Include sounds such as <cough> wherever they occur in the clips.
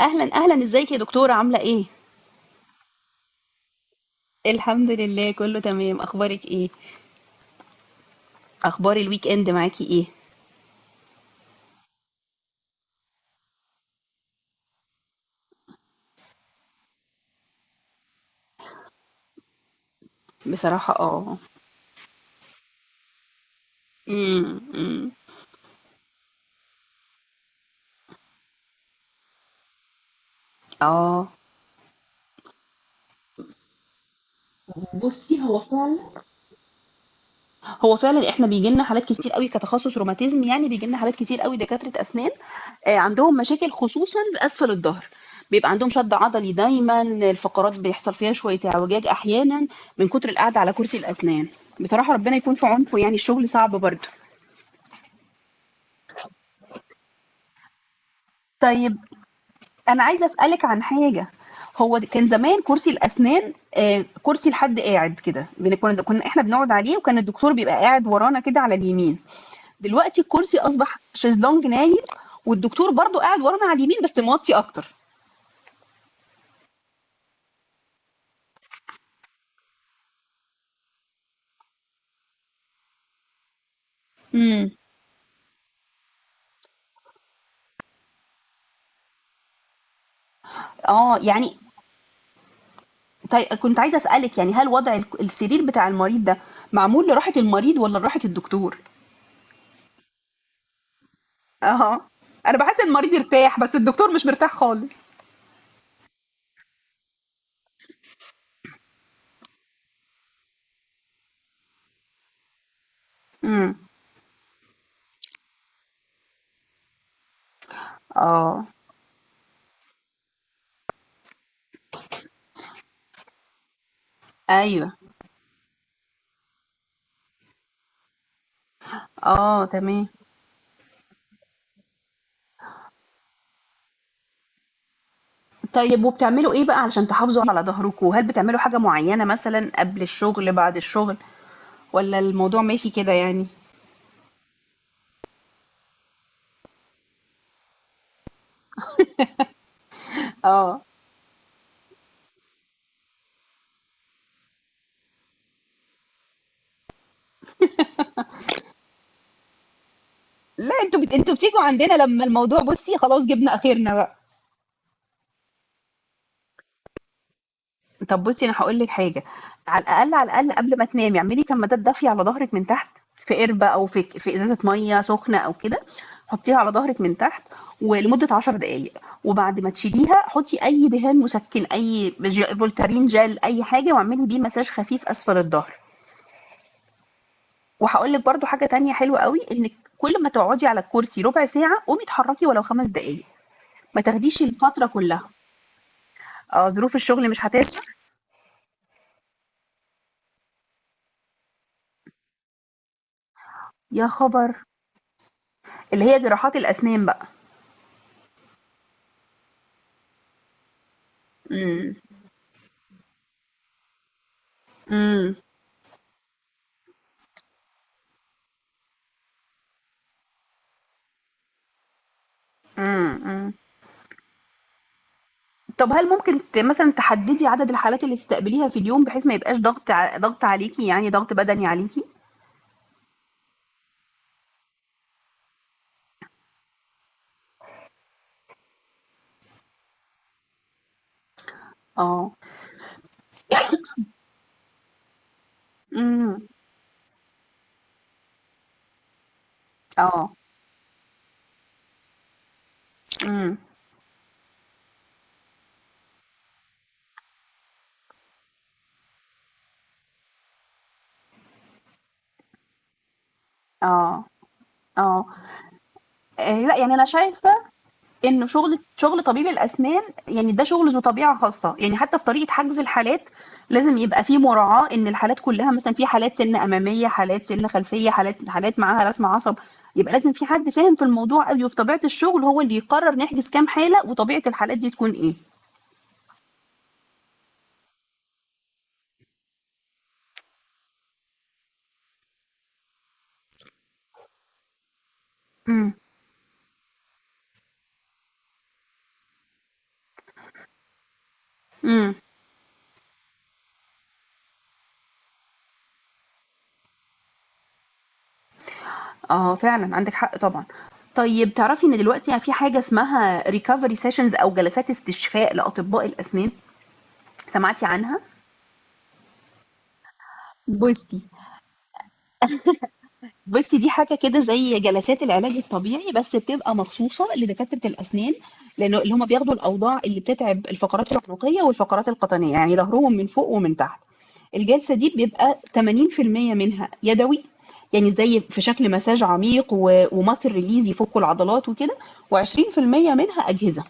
اهلا اهلا، ازيك يا دكتورة؟ عاملة ايه؟ الحمد لله، كله تمام. اخبارك ايه؟ اخبار الويك اند معاكي ايه؟ بصراحة أمم. اه بصي، هو فعلا. احنا بيجي لنا حالات كتير قوي كتخصص روماتيزم، يعني بيجي لنا حالات كتير قوي دكاترة اسنان، عندهم مشاكل خصوصا باسفل الظهر. بيبقى عندهم شد عضلي دايما، الفقرات بيحصل فيها شوية اعوجاج احيانا من كتر القعدة على كرسي الاسنان. بصراحة ربنا يكون في عونكم، يعني الشغل صعب برضه. طيب، أنا عايزة أسألِك عن حاجة. هو كان زمان كرسي الأسنان، كرسي لحد قاعد كده، كنا إحنا بنقعد عليه، وكان الدكتور بيبقى قاعد ورانا كده على اليمين. دلوقتي الكرسي أصبح شيزلونج نايم، والدكتور برضه قاعد ورانا على اليمين بس موطي أكتر. إمم. آه، يعني كنت عايزة أسألِك، يعني هل وضع السرير بتاع المريض ده معمول لراحة المريض والّا لراحة الدكتور؟ أها، أنا باحس إن المريض ارتاح بس الدكتور مش مرتاح خالص. إمم، آه، أيوه، آه، تمام. طيب، وبتعملوا إيه بقى علشان تحافظوا على ضهركم؟ هل بتعملوا حاجة معيّنة مثلًا قبل الشغل، بعد الشغل، والّا الموضوع ماشي كده يعني؟ آه. آه. لا، أنتم بتيجوا عندنا لمّا الموضوع بُصّي خلاص جِبنا آخرنا بقى. طب بُصّي، أنا هاقول لِك حاجة. على الأقل، على الأقل قبل ما تنامي اعملي كمادات دافية على ضهرِك من تحت، في قِربة أو في إزازة مَيّة سخنة أو كده، حطّيها على ضهرِك من تحت ولمدة 10 دقايق، وبعد ما تشيليها حطّي أي دهان مسكِّن، أي ج فولتارين جل، أي حاجة واعملي بيه مساج خفيف أسفل الضهر. وهاقول لِك برضه حاجة تانية حلوة أوي، إنِّك كل ما تقعدي على الكرسي ربع ساعة قومي اتحرّكي ولو 5 دقايق، ما تاخديش الفترة كلّها. ظروف الشغل مش هتسمح. يا خبر! اللي هي جmonراحات الأسنان بقى. إمم. إمم. إمم، إمم. طب هل ممكن مثلًا تحدّدي عدد الحالات اللي تستقبليها في اليوم بحيث ما يبقاش ضغط عليكِ، يعني ضغط بدني عليكِ؟ آه. إمم. آه. إمم. آه. آه. لأ، يعني أنا شايفة إنه شغل طبيب الأسنان، يعني ده شغل ذو طبيعة خاصة يعني حتى في طريقة حجز الحالات، لازم يبقى في مراعاة إن الحالات كلها مثلا في حالات سن أمامية، حالات سن خلفية، حالات معاها رسم عصب، يبقى لازم في حد فاهم في الموضوع قوي وفي طبيعة الشغل هو اللي يقرر نحجز كام حالة وطبيعة الحالات دي تكون إيه. امم. امم. اه، فعلا عندك حق طبعا. طيب، تعرفي ان دلوقتي في حاجة اسمها ريكفري سيشنز او جلسات استشفاء لأطباء الأسنان؟ سمعتي عنها؟ بصي بُصي، دي حاجة كده زي جلسات العلاج الطبيعي، بس بتبقى مخصوصة لدكاترة الأسنان، لأنه اللي هم بياخدوا الأوضاع اللي بتتعب الفقرات العنقية والفقرات القطنية، يعني ضهرهم من فوق ومن تحت. الجلسة دي بيبقى 80% منها يدوي، يعني زي في شكل مساج عميق و وmuscle release يفكوا العضلات وكده، و20% منها أجهزة.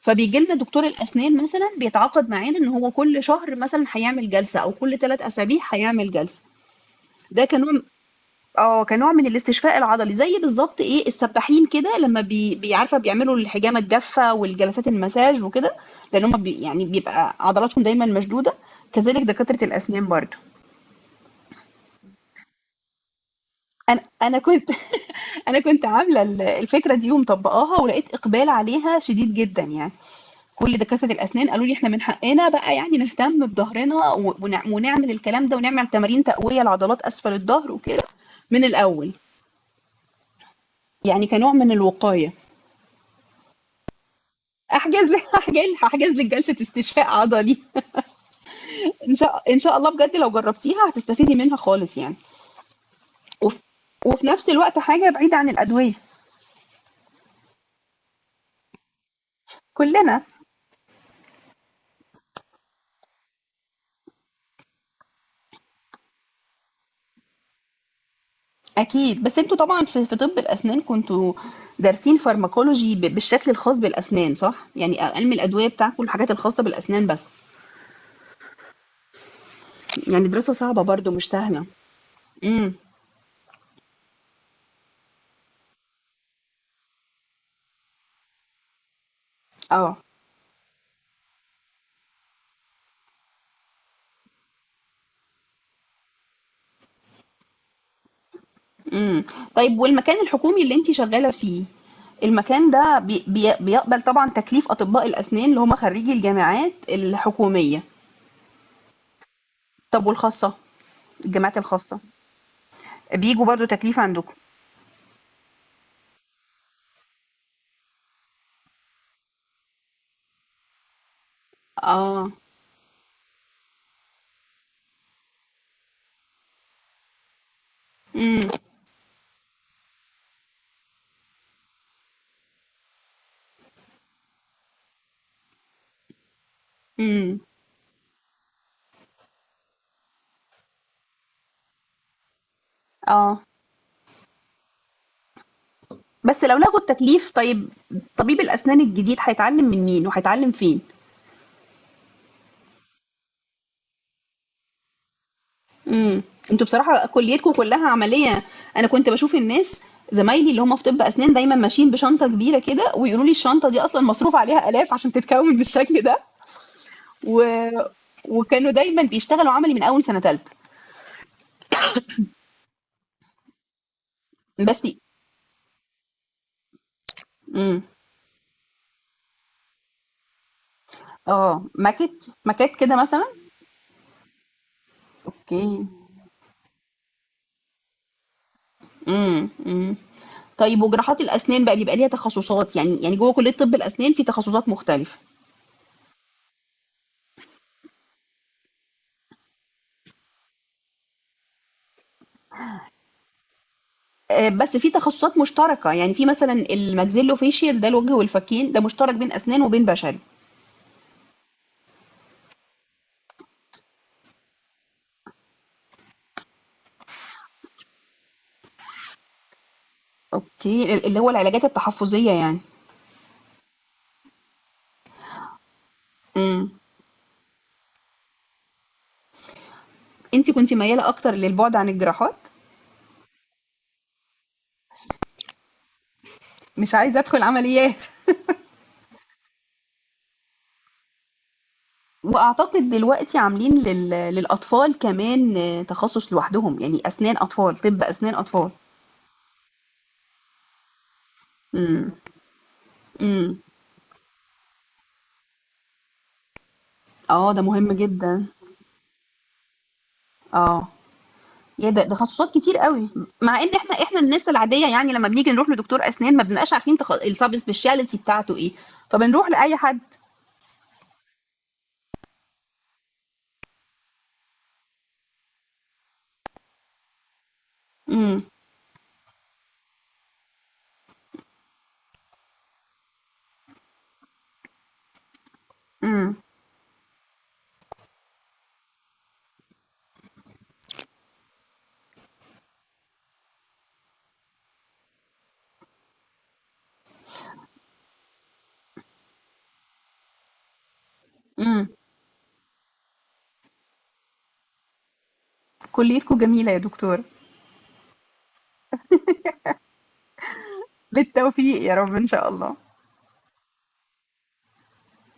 فبييجي لنا دكتور الأسنان مثلًا بيتعاقد معانا إن هو كل شهر مثلًا هيعمل جلسة أو كل 3 أسابيع هيعمل جلسة. ده كنوع من الاستشفاء العضلي، زي بالضبط إيه، السباحين كده لمّا بي بي عارفة بيعملوا الحجامة الجافة والجلسات المساج وكده، لإن هُم يعني بيبقى عضلاتهم دايمًا مشدودة، كذلك دكاترة الأسنان برضه. أنا كنت <laughs> أنا كنت عاملة الفكرة دي ومطبّقاها ولقيت إقبال عليها شديد جدًا يعني، كل دكاترة الأسنان قالوا لي: "إحنا من حقنا بقى يعني نهتم بضهرنا و ون ونعمل الكلام ده ونعمل تمارين تقوية لعضلات أسفل الضهر وكده من الأول." يعني كنوع من الوقاية. احجز لي <laughs> هاحجز لِك جلسة استشفاء عضلي. <laughs> إن شاء الله، بجد لو جرّبتيها هتستفيدي منها خالص يعني، وف وفي نفس الوقت حاجة بعيدة عن الأدوية. كلّنا أكيد، بس أنتم طبعًا في طِب الأسنان كنتم دارسين pharmacology بالشكل الخاص بالأسنان، صح؟ يعني عِلم الأدوية بتاعكم الحاجات الخاصة بالأسنان بس، يعني دراسة صعبة برضه مش سهلة. إمم، آه. إمم. طيب، والمكان الحكومي اللي أنتِ شغّالة فيه، المكان ده بي بي بيقبل طبعًا تكليف أطباء الأسنان اللي هم خرّيجي الجامعات الحكومية، طب والخاصة؟ الجامعات الخاصة، بييجوا برضه تكليف عندكم؟ آه، إمم، إمم، آه. بس لو لغوا التكليف، طيب طبيب الأسنان الجديد هيتعلّم من مين وهيتعلّم فين؟ إمم. أنتم بصراحة كُلّيتكم كلّها عملية. أنا كنت باشوف الناس، زمايلي اللي هم في طِب أسنان، دايمًا ماشيين بشنطة كبيرة كده ويقولوا لي الشنطة دي أصلًا مصروف عليها آلاف عشان تتكوِّن <laughs> بالشكل ده و وكانوا دايمًا بيشتغلوا عملي من أول سَنة تالتة. بس إمم. آه. ماكات كده مثلًا؟ أوكي. إمم، إمم. طيب، وج梢ات الأسنان بقى بيبقى ليها تخصُّصات، يعني جوّه كُلّية طِب الأسنان في تخصُّصات مختلفة. بس في تخصصات مشتركة، يعني في مثلا الماكسيلوفيشيال ده الوجه والفكين، ده مشترك بين أسنان وبين بشري. اوكي، اللي هو العلاجات التحفظية يعني. امم. انت كنت ميالة اكتر للبعد عن الجراحات، مش عايزة ادخل عمليات. واعتقد دلوقتي عاملين للاطفال كمان تخصص لوحدهم، يعني اسنان اطفال، طب اسنان اطفال. امم. امم. اه، ده مهم جدا. اه. يا ده تخصصات كتير قوي، مع ان احنا الناس العاديه يعني لما بنيجي نروح لدكتور اسنان ما بنبقاش عارفين سبيشاليتي بتاعته ايه، فبنروح لاي حد. امم. امم. امم. كليتكم جميله يا دكتور. بالتوفيق يا رب ان شاء الله.